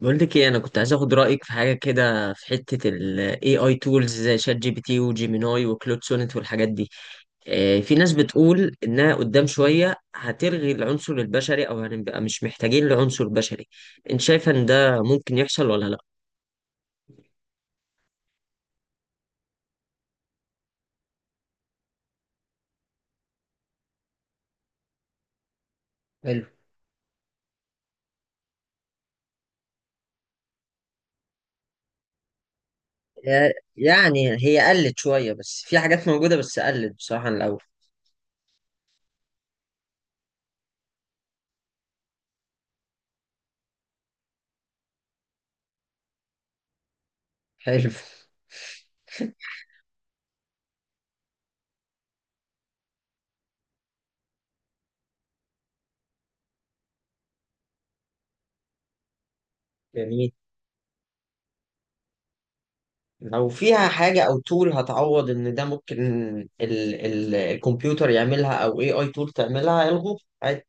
بقول لك ايه، انا كنت عايز اخد رايك في حاجه كده في حته ال AI tools زي شات جي بي تي وجيميناي وكلود سونيت والحاجات دي. في ناس بتقول انها قدام شويه هتلغي العنصر البشري او هنبقى مش محتاجين لعنصر بشري. انت شايفه ان ده ممكن يحصل ولا لا؟ حلو. يعني هي قلت شوية بس في حاجات موجودة، بس قلت بصراحة عن الأول. حلو. جميل. لو فيها حاجة أو تول هتعوض إن ده ممكن ال الكمبيوتر يعملها، أو أي أي تول تعملها، يلغوه عادي.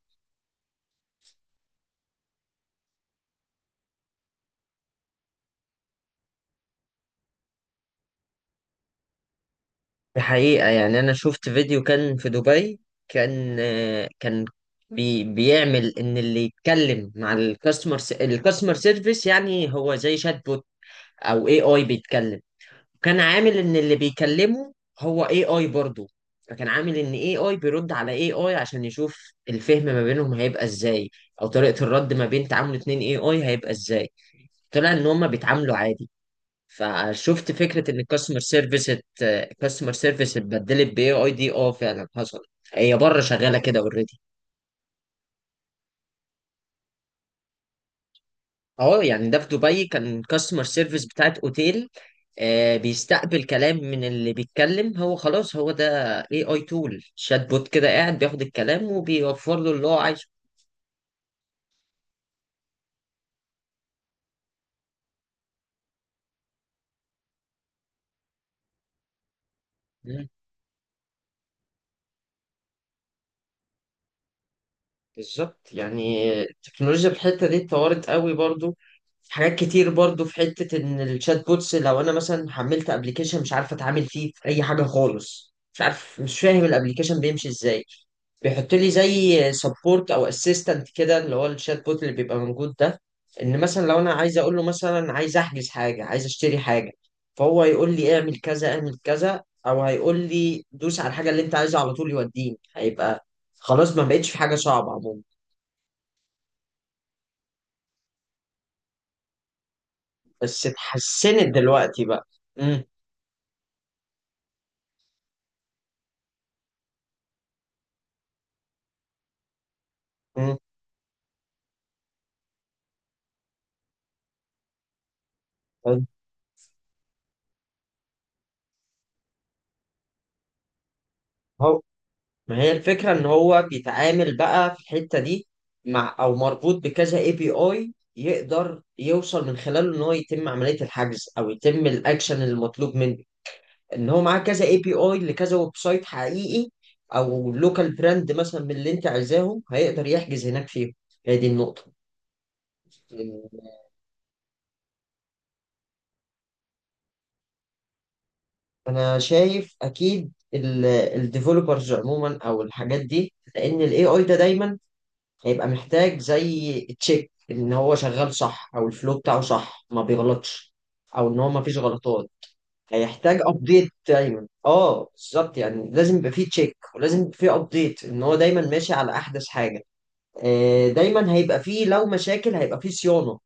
دي حقيقة، يعني أنا شفت فيديو كان في دبي. كان بيعمل إن اللي يتكلم مع الكاستمر سيرفيس يعني هو زي شات بوت أو أي أي بيتكلم. كان عامل ان اللي بيكلمه هو اي اي برضه. فكان عامل ان اي اي بيرد على اي اي عشان يشوف الفهم ما بينهم هيبقى ازاي، او طريقة الرد ما بين تعامل اتنين اي اي هيبقى ازاي. طلع ان هما بيتعاملوا عادي. فشفت فكرة ان الكاستمر سيرفيس اتبدلت باي اي. دي اه فعلا حصل. هي بره شغالة كده اوريدي. اه يعني ده في دبي كان كاستمر سيرفيس بتاعت اوتيل. بيستقبل كلام من اللي بيتكلم. هو خلاص هو ده. اي اي تول شات بوت كده قاعد بياخد الكلام وبيوفر له اللي هو عايزه. مم. بالظبط، يعني التكنولوجيا في الحته دي اتطورت قوي برضو. حاجات كتير برضو في حتة ان الشات بوتس، لو انا مثلا حملت ابلكيشن مش عارف اتعامل فيه في اي حاجة خالص، مش عارف مش فاهم الابلكيشن بيمشي ازاي، بيحط لي زي سبورت او اسيستنت كده اللي هو الشات بوت اللي بيبقى موجود ده. ان مثلا لو انا عايز اقول له مثلا عايز احجز حاجه، عايز اشتري حاجه، فهو هيقول لي اعمل كذا اعمل كذا، او هيقول لي دوس على الحاجه اللي انت عايزها على طول يوديني. هيبقى خلاص ما بقتش في حاجه صعبه عموما. بس اتحسنت دلوقتي بقى. امم هو ما هي الفكرة ان هو بيتعامل بقى في الحتة دي مع او مربوط بكذا اي بي اي يقدر يوصل من خلاله ان هو يتم عملية الحجز او يتم الاكشن المطلوب منه. ان هو معاه كذا اي بي اي لكذا ويب سايت حقيقي، او لوكال براند مثلا من اللي انت عايزاهم هيقدر يحجز هناك فيهم. هي دي النقطة. انا شايف اكيد الديفلوبرز عموما او الحاجات دي، لان الاي اي ده دايما هيبقى محتاج زي تشيك ان هو شغال صح او الفلو بتاعه صح ما بيغلطش، او ان هو ما فيش غلطات. هيحتاج ابديت دايما، اه بالظبط، يعني لازم يبقى فيه تشيك ولازم يبقى فيه ابديت ان هو دايما ماشي على احدث حاجه. دايما هيبقى فيه لو مشاكل هيبقى فيه صيانه.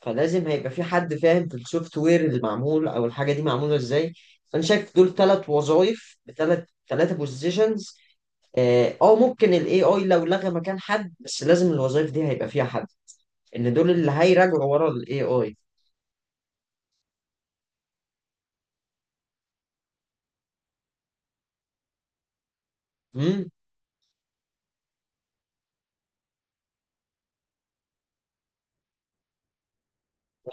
فلازم هيبقى فيه حد فاهم في السوفت وير اللي معمول او الحاجه دي معموله ازاي. فانا شايف دول ثلاث وظائف بثلاث، بوزيشنز. اه ممكن الاي اي لو لغى مكان حد، بس لازم الوظائف دي هيبقى فيها حد، ان دول اللي هيراجعوا ورا الاي اي. امم.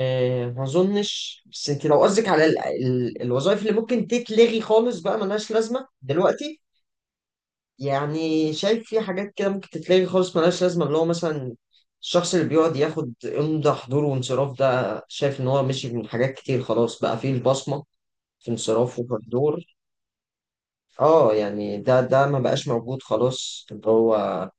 آه ما اظنش، بس انت لو قصدك على الوظائف اللي ممكن تتلغي خالص بقى ملهاش لازمه دلوقتي. يعني شايف في حاجات كده ممكن تتلغي خالص ملهاش لازمه، اللي هو مثلا الشخص اللي بيقعد ياخد امضى حضور وانصراف، ده شايف ان هو مشي من حاجات كتير خلاص بقى فيه البصمه في انصراف وحضور. اه يعني ده ما بقاش موجود خلاص اللي هو.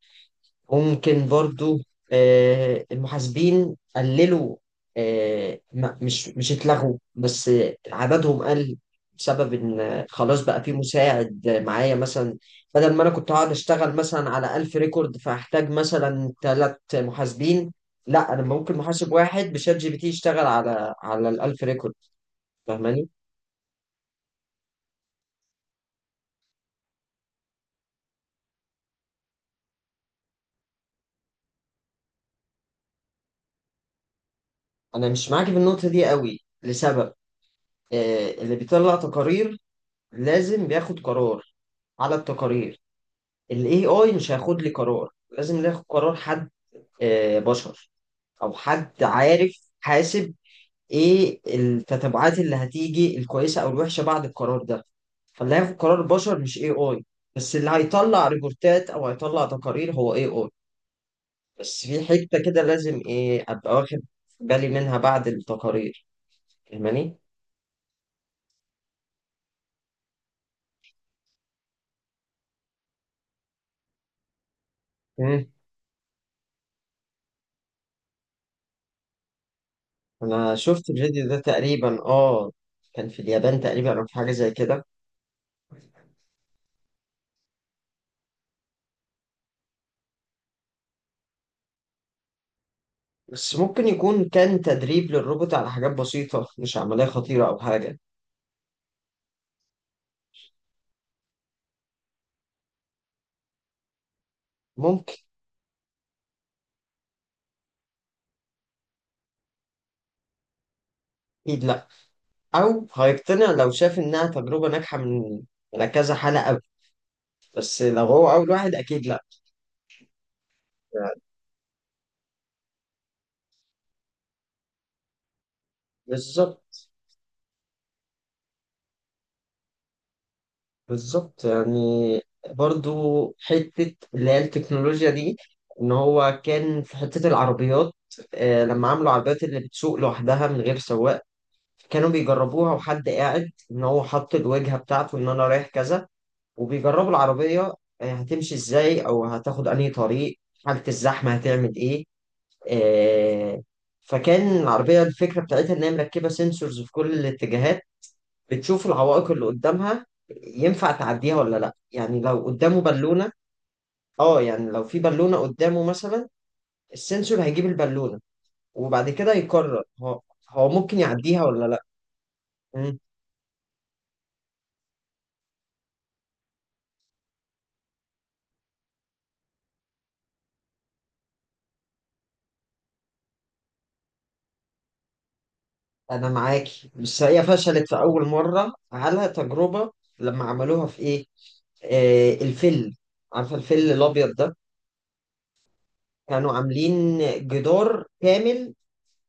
ممكن برضو المحاسبين قللوا. مش اتلغوا بس عددهم قل. بسبب ان خلاص بقى في مساعد معايا مثلا. بدل ما انا كنت هقعد اشتغل مثلا على 1000 ريكورد فاحتاج مثلا ثلاث محاسبين، لا انا ممكن محاسب واحد بشات جي بي تي يشتغل على ال 1000 ريكورد. فاهماني؟ انا مش معاك في النقطة دي قوي لسبب. اللي بيطلع تقارير لازم بياخد قرار على التقارير. ال AI مش هياخد لي قرار، لازم ناخد قرار حد، بشر، أو حد عارف حاسب إيه التتبعات اللي هتيجي الكويسة أو الوحشة بعد القرار ده. فاللي هياخد قرار بشر مش AI، بس اللي هيطلع ريبورتات أو هيطلع تقارير هو AI. بس في حتة كده لازم إيه أبقى واخد بالي منها بعد التقارير. فاهماني؟ مم. أنا شفت الفيديو ده تقريبا آه. كان في اليابان تقريبا أو في حاجة زي كده. بس ممكن يكون كان تدريب للروبوت على حاجات بسيطة، مش عملية خطيرة أو حاجة. ممكن. أكيد لأ، أو هيقتنع لو شاف إنها تجربة ناجحة من على كذا حالة أوي. بس لو هو أول واحد أكيد لأ. بالظبط. بالظبط يعني برضو حتة اللي هي التكنولوجيا دي، إن هو كان في حتة العربيات. لما عملوا عربيات اللي بتسوق لوحدها من غير سواق، كانوا بيجربوها وحد قاعد إن هو حط الوجهة بتاعته إن أنا رايح كذا، وبيجربوا العربية هتمشي ازاي او هتاخد انهي طريق، حالة الزحمة هتعمل ايه. آه، فكان العربية الفكرة بتاعتها ان هي مركبة سنسورز في كل الاتجاهات، بتشوف العوائق اللي قدامها ينفع تعديها ولا لا. يعني لو قدامه بالونة، اه يعني لو في بالونة قدامه مثلا، السنسور هيجيب البالونة وبعد كده يقرر هو هو ممكن يعديها ولا لا. انا معاكي، بس هي فشلت في اول مره على تجربه. لما عملوها في ايه، آه الفل، عارفه الفل الابيض ده؟ كانوا عاملين جدار كامل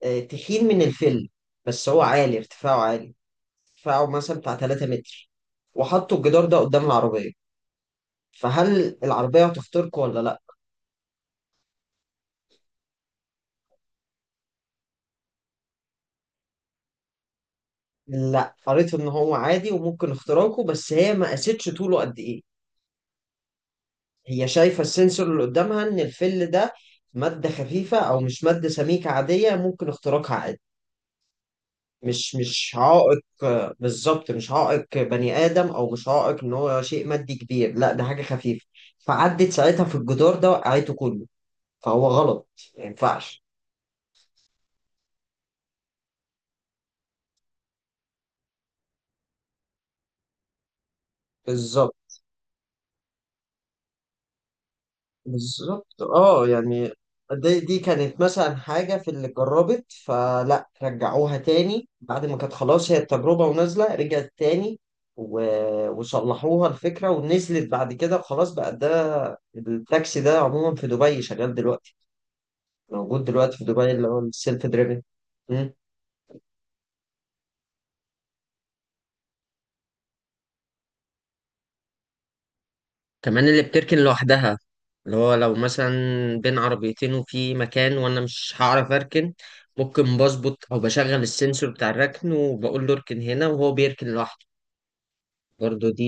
آه تخين من الفل، بس هو عالي، ارتفاعه عالي، ارتفاعه مثلا بتاع 3 متر. وحطوا الجدار ده قدام العربيه، فهل العربيه هتخترقه ولا لا؟ لا، قريت ان هو عادي وممكن اختراقه، بس هي ما قاستش طوله قد ايه. هي شايفة السنسور اللي قدامها إن الفل ده مادة خفيفة أو مش مادة سميكة، عادية ممكن اختراقها عادي. مش عائق، بالظبط مش عائق بني آدم، أو مش عائق إن هو شيء مادي كبير، لا ده حاجة خفيفة. فعدت ساعتها في الجدار ده وقعته كله. فهو غلط، ما ينفعش. بالظبط. بالظبط اه يعني دي كانت مثلا حاجة في اللي جربت، فلا رجعوها تاني بعد ما كانت خلاص هي التجربة ونازلة، رجعت تاني وصلحوها الفكرة ونزلت بعد كده. خلاص بقى ده التاكسي ده عموما في دبي شغال دلوقتي، موجود دلوقتي في دبي اللي هو السيلف دريفن. كمان اللي بتركن لوحدها، اللي هو لو مثلا بين عربيتين وفي مكان وانا مش هعرف اركن، ممكن بظبط او بشغل السنسور بتاع الركن وبقول له اركن هنا وهو بيركن لوحده. برضه دي،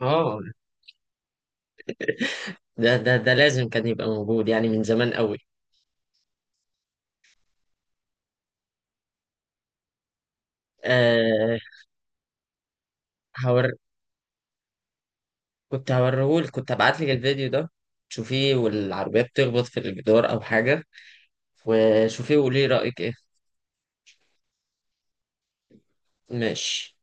اه ده لازم كان يبقى موجود يعني من زمان قوي. آه هور... كنت هوريهولك، كنت هبعت لك الفيديو ده. شوفيه والعربية بتخبط في الجدار او حاجة، وشوفيه وقولي رأيك ايه. ماشي.